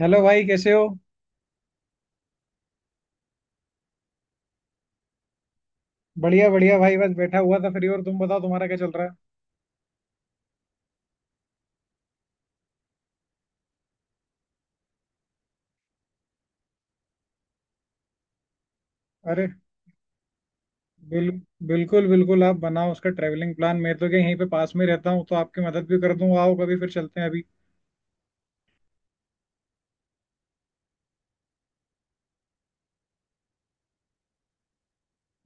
Hello भाई, कैसे हो? बढ़िया बढ़िया भाई, बस बैठा हुआ था फ्री। और तुम बताओ, तुम्हारा क्या चल रहा है? अरे, बिल, बिल्कुल बिल्कुल, आप बनाओ उसका ट्रैवलिंग प्लान। मैं तो क्या, यहीं पे पास में रहता हूँ तो आपकी मदद भी कर दूँ। आओ कभी, फिर चलते हैं। अभी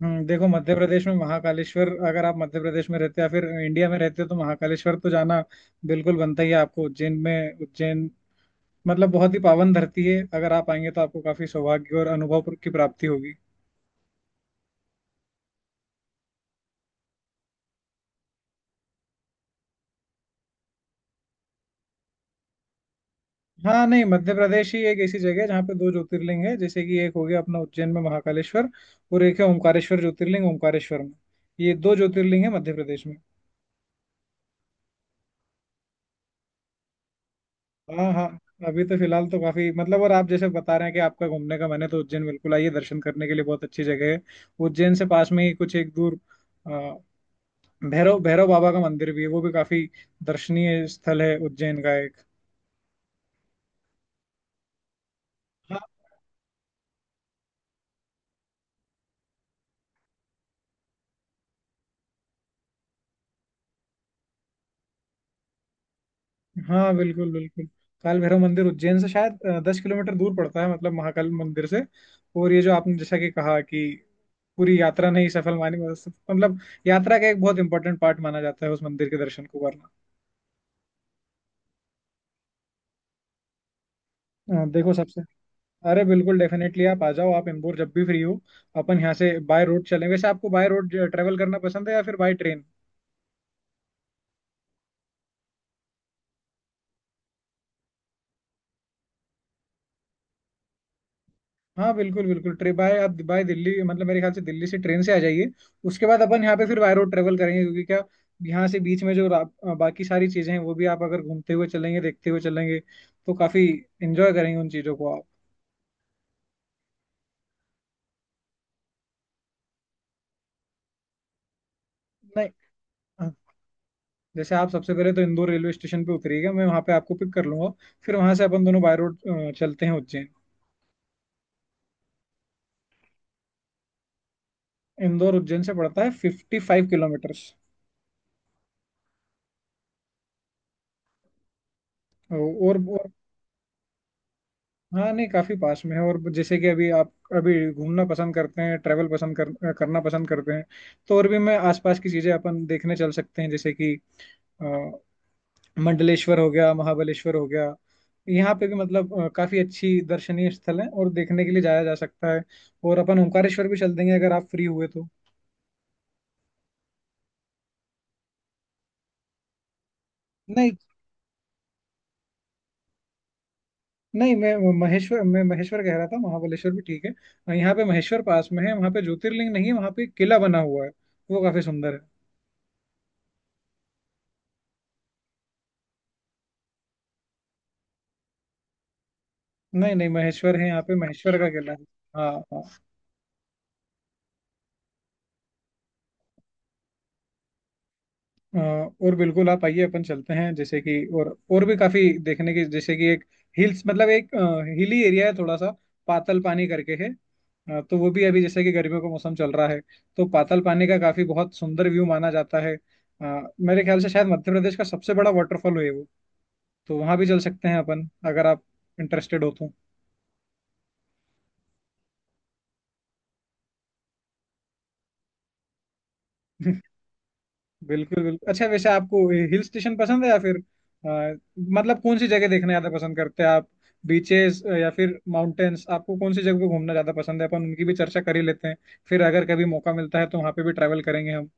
देखो, मध्य प्रदेश में महाकालेश्वर, अगर आप मध्य प्रदेश में रहते या फिर इंडिया में रहते हो तो महाकालेश्वर तो जाना बिल्कुल बनता ही है। आपको उज्जैन में, उज्जैन मतलब बहुत ही पावन धरती है। अगर आप आएंगे तो आपको काफी सौभाग्य और अनुभव की प्राप्ति होगी। हाँ नहीं, मध्य प्रदेश ही एक ऐसी जगह है जहाँ पे दो ज्योतिर्लिंग है। जैसे कि एक हो गया अपना उज्जैन में महाकालेश्वर, और एक है ओमकारेश्वर, ज्योतिर्लिंग ओमकारेश्वर में। ये दो ज्योतिर्लिंग है मध्य प्रदेश में। हाँ हाँ। अभी तो फिलहाल तो काफी मतलब, और आप जैसे बता रहे हैं कि आपका घूमने का मन है, तो उज्जैन बिल्कुल आइए, दर्शन करने के लिए बहुत अच्छी जगह है। उज्जैन से पास में ही कुछ एक दूर अ, भैरव भैरव बाबा का मंदिर भी है, वो भी काफी दर्शनीय स्थल है उज्जैन का एक। हाँ बिल्कुल बिल्कुल। काल भैरव मंदिर उज्जैन से शायद 10 किलोमीटर दूर पड़ता है, मतलब महाकाल मंदिर से। और ये जो आपने जैसा कि कहा कि पूरी यात्रा नहीं सफल मानी, मतलब यात्रा का एक बहुत इंपॉर्टेंट पार्ट माना जाता है उस मंदिर के दर्शन को करना। देखो सबसे, अरे बिल्कुल डेफिनेटली आप आ जाओ। आप इंदौर जब भी फ्री हो, अपन यहाँ से बाय रोड चलें। वैसे आपको बाय रोड ट्रेवल करना पसंद है या फिर बाय ट्रेन? हाँ बिल्कुल बिल्कुल, ट्रिप बाय आप बाय दिल्ली, मतलब मेरे ख्याल से दिल्ली से ट्रेन से आ जाइए। उसके बाद अपन यहाँ पे फिर बाय रोड ट्रेवल करेंगे, क्योंकि क्या, यहाँ से बीच में जो बाकी सारी चीजें हैं वो भी आप अगर घूमते हुए चलेंगे, देखते हुए चलेंगे तो काफी एंजॉय करेंगे उन चीजों को आप। नहीं। हाँ, जैसे आप सबसे पहले तो इंदौर रेलवे स्टेशन पे उतरिएगा, मैं वहाँ पे आपको पिक कर लूंगा। फिर वहां से अपन दोनों बाय रोड चलते हैं उज्जैन। इंदौर उज्जैन से पड़ता है 55 किलोमीटर्स। और हाँ नहीं, काफी पास में है। और जैसे कि अभी आप अभी घूमना पसंद करते हैं, ट्रैवल करना पसंद करते हैं, तो और भी मैं आसपास की चीजें अपन देखने चल सकते हैं, जैसे कि अ, मंडलेश्वर हो गया, महाबलेश्वर हो गया। यहाँ पे भी मतलब काफी अच्छी दर्शनीय स्थल है और देखने के लिए जाया जा सकता है। और अपन ओंकारेश्वर भी चल देंगे अगर आप फ्री हुए तो। नहीं नहीं, मैं महेश्वर कह रहा था। महाबलेश्वर भी ठीक है। यहाँ पे महेश्वर पास में है, वहाँ पे ज्योतिर्लिंग नहीं है, वहाँ पे एक किला बना हुआ है। वो काफी सुंदर है। नहीं नहीं, महेश्वर है, यहाँ पे महेश्वर का किला है। हाँ हाँ। अ, और बिल्कुल आप आइए, अपन चलते हैं जैसे कि। और भी काफी देखने की, जैसे कि एक हिल्स मतलब एक हिली एरिया है थोड़ा सा, पातल पानी करके है। तो वो भी अभी जैसे कि गर्मियों का मौसम चल रहा है तो पातल पानी का काफी बहुत सुंदर व्यू माना जाता है। मेरे ख्याल से शायद मध्य प्रदेश का सबसे बड़ा वाटरफॉल है वो। तो वहां भी चल सकते हैं अपन अगर आप इंटरेस्टेड हो तो। बिल्कुल बिल्कुल। अच्छा वैसे आपको हिल स्टेशन पसंद है या फिर अ, मतलब कौन सी जगह देखना ज्यादा पसंद करते हैं आप? बीचेस या फिर माउंटेन्स, आपको कौन सी जगह पे घूमना ज्यादा पसंद है? अपन उनकी भी चर्चा कर ही लेते हैं, फिर अगर कभी मौका मिलता है तो वहां पे भी ट्रैवल करेंगे हम।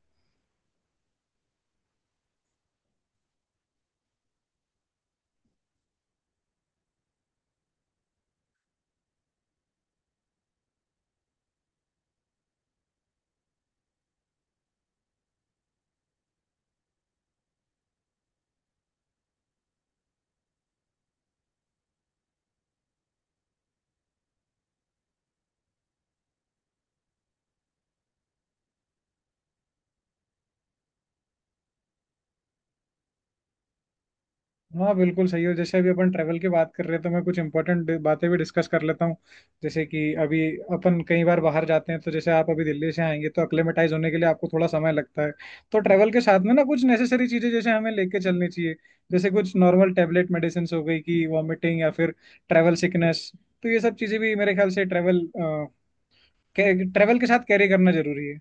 हाँ बिल्कुल सही हो। जैसे अभी अपन ट्रैवल की बात कर रहे हैं, तो मैं कुछ इंपॉर्टेंट बातें भी डिस्कस कर लेता हूँ। जैसे कि अभी अपन कई बार बाहर जाते हैं, तो जैसे आप अभी दिल्ली से आएंगे तो अक्लेमेटाइज होने के लिए आपको थोड़ा समय लगता है। तो ट्रैवल के साथ में ना कुछ नेसेसरी चीजें जैसे हमें लेके चलनी चाहिए। जैसे कुछ नॉर्मल टेबलेट मेडिसिन हो गई, कि वॉमिटिंग या फिर ट्रैवल सिकनेस। तो ये सब चीजें भी मेरे ख्याल से ट्रैवल ट्रैवल के travel के साथ कैरी करना जरूरी है।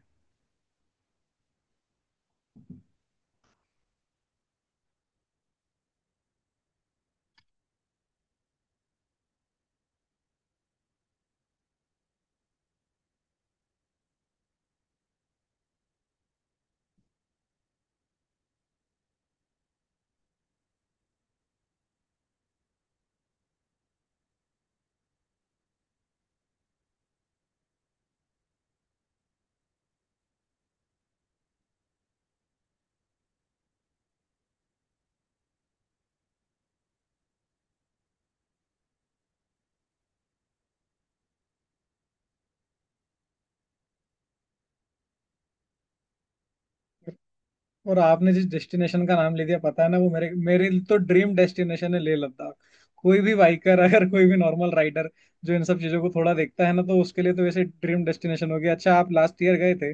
और आपने जिस डेस्टिनेशन का नाम ले दिया पता है ना, वो मेरे मेरे लिए तो ड्रीम डेस्टिनेशन है, लेह लद्दाख। कोई भी बाइकर, अगर कोई भी नॉर्मल राइडर, जो इन सब चीजों को थोड़ा देखता है ना, तो उसके लिए तो वैसे ड्रीम डेस्टिनेशन हो गया। अच्छा आप लास्ट ईयर गए थे,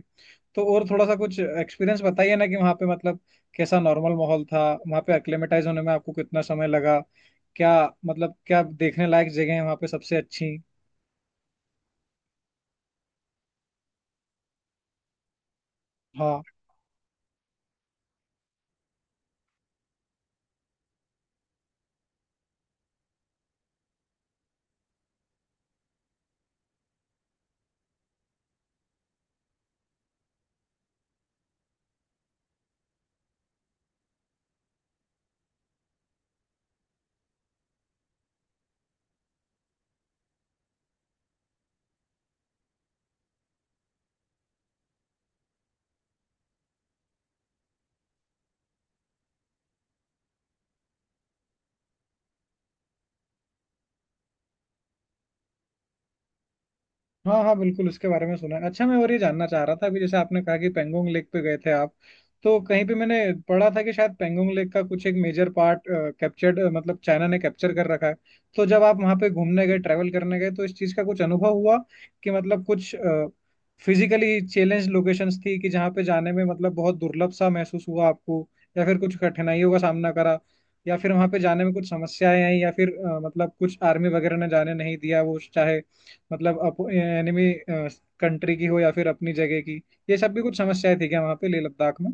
तो और थोड़ा सा कुछ एक्सपीरियंस बताइए ना, कि वहाँ पे मतलब कैसा नॉर्मल माहौल था, वहाँ पे एक्लेमेटाइज होने में आपको कितना समय लगा, क्या मतलब क्या देखने लायक जगह है वहाँ पे सबसे अच्छी? हाँ हाँ। हाँ बिल्कुल, उसके बारे में सुना है। अच्छा मैं और ये जानना चाह रहा था, अभी जैसे आपने कहा कि पेंगोंग लेक पे गए थे आप, तो कहीं पे मैंने पढ़ा था कि शायद पेंगोंग लेक का कुछ एक मेजर पार्ट कैप्चर्ड, मतलब चाइना ने कैप्चर कर रखा है। तो जब आप वहाँ पे घूमने गए, ट्रैवल करने गए, तो इस चीज़ का कुछ अनुभव हुआ कि मतलब कुछ फिजिकली चैलेंज लोकेशंस थी, कि जहाँ पे जाने में मतलब बहुत दुर्लभ सा महसूस हुआ आपको, या फिर कुछ कठिनाइयों का सामना करा, या फिर वहाँ पे जाने में कुछ समस्याएं आई, या फिर मतलब कुछ आर्मी वगैरह ने जाने नहीं दिया, वो चाहे मतलब अप एनिमी कंट्री की हो या फिर अपनी जगह की? ये सब भी कुछ समस्याएं थी क्या वहाँ पे लेह लद्दाख में?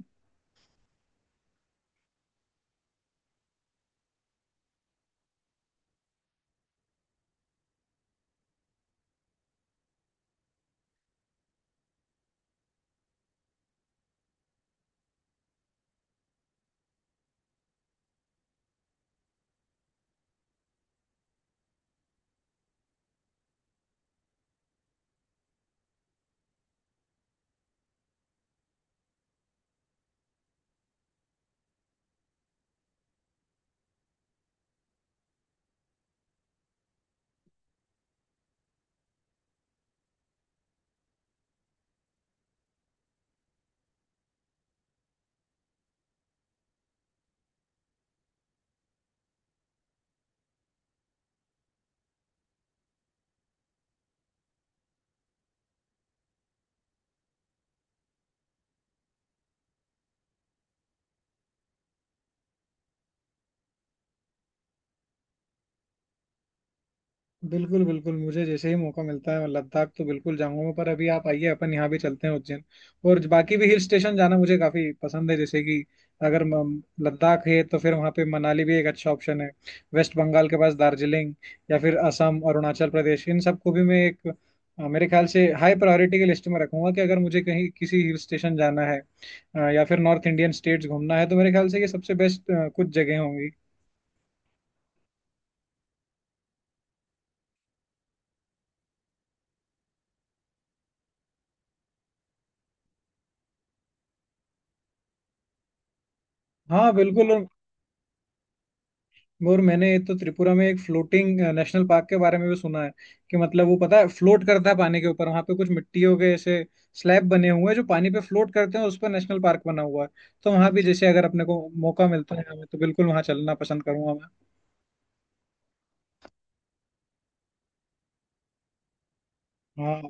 बिल्कुल बिल्कुल, मुझे जैसे ही मौका मिलता है मैं लद्दाख तो बिल्कुल जाऊंगा। पर अभी आप आइए, अपन यहाँ भी चलते हैं उज्जैन। और बाकी भी हिल स्टेशन जाना मुझे काफी पसंद है, जैसे कि अगर लद्दाख है तो फिर वहाँ पे मनाली भी एक अच्छा ऑप्शन है। वेस्ट बंगाल के पास दार्जिलिंग, या फिर असम, अरुणाचल प्रदेश, इन सबको भी मैं एक मेरे ख्याल से हाई प्रायोरिटी की लिस्ट में रखूंगा, कि अगर मुझे कहीं किसी हिल स्टेशन जाना है, हाँ, या फिर नॉर्थ इंडियन स्टेट्स घूमना है, तो मेरे ख्याल से ये सबसे बेस्ट कुछ जगह होंगी। हाँ बिल्कुल। और मैंने तो त्रिपुरा में एक फ्लोटिंग नेशनल पार्क के बारे में भी सुना है, कि मतलब वो पता है फ्लोट करता है पानी के ऊपर। वहां पे कुछ मिट्टियों के ऐसे स्लैब बने हुए हैं जो पानी पे फ्लोट करते हैं और उस पर नेशनल पार्क बना हुआ है। तो वहां भी जैसे अगर अपने को मौका मिलता है हमें, तो बिल्कुल वहां चलना पसंद करूंगा मैं। हाँ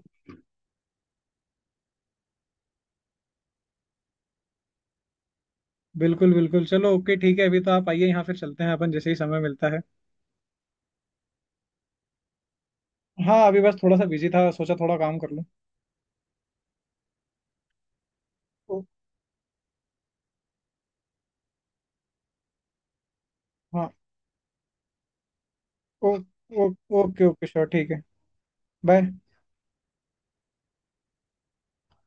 बिल्कुल बिल्कुल। चलो, ओके ठीक है, अभी तो आप आइए यहाँ, फिर चलते हैं अपन जैसे ही समय मिलता है। हाँ अभी बस थोड़ा सा बिजी था, सोचा थोड़ा काम कर लूँ। ओ, हाँ। ओ, ओ, ओके ओके श्योर, ठीक है। बाय।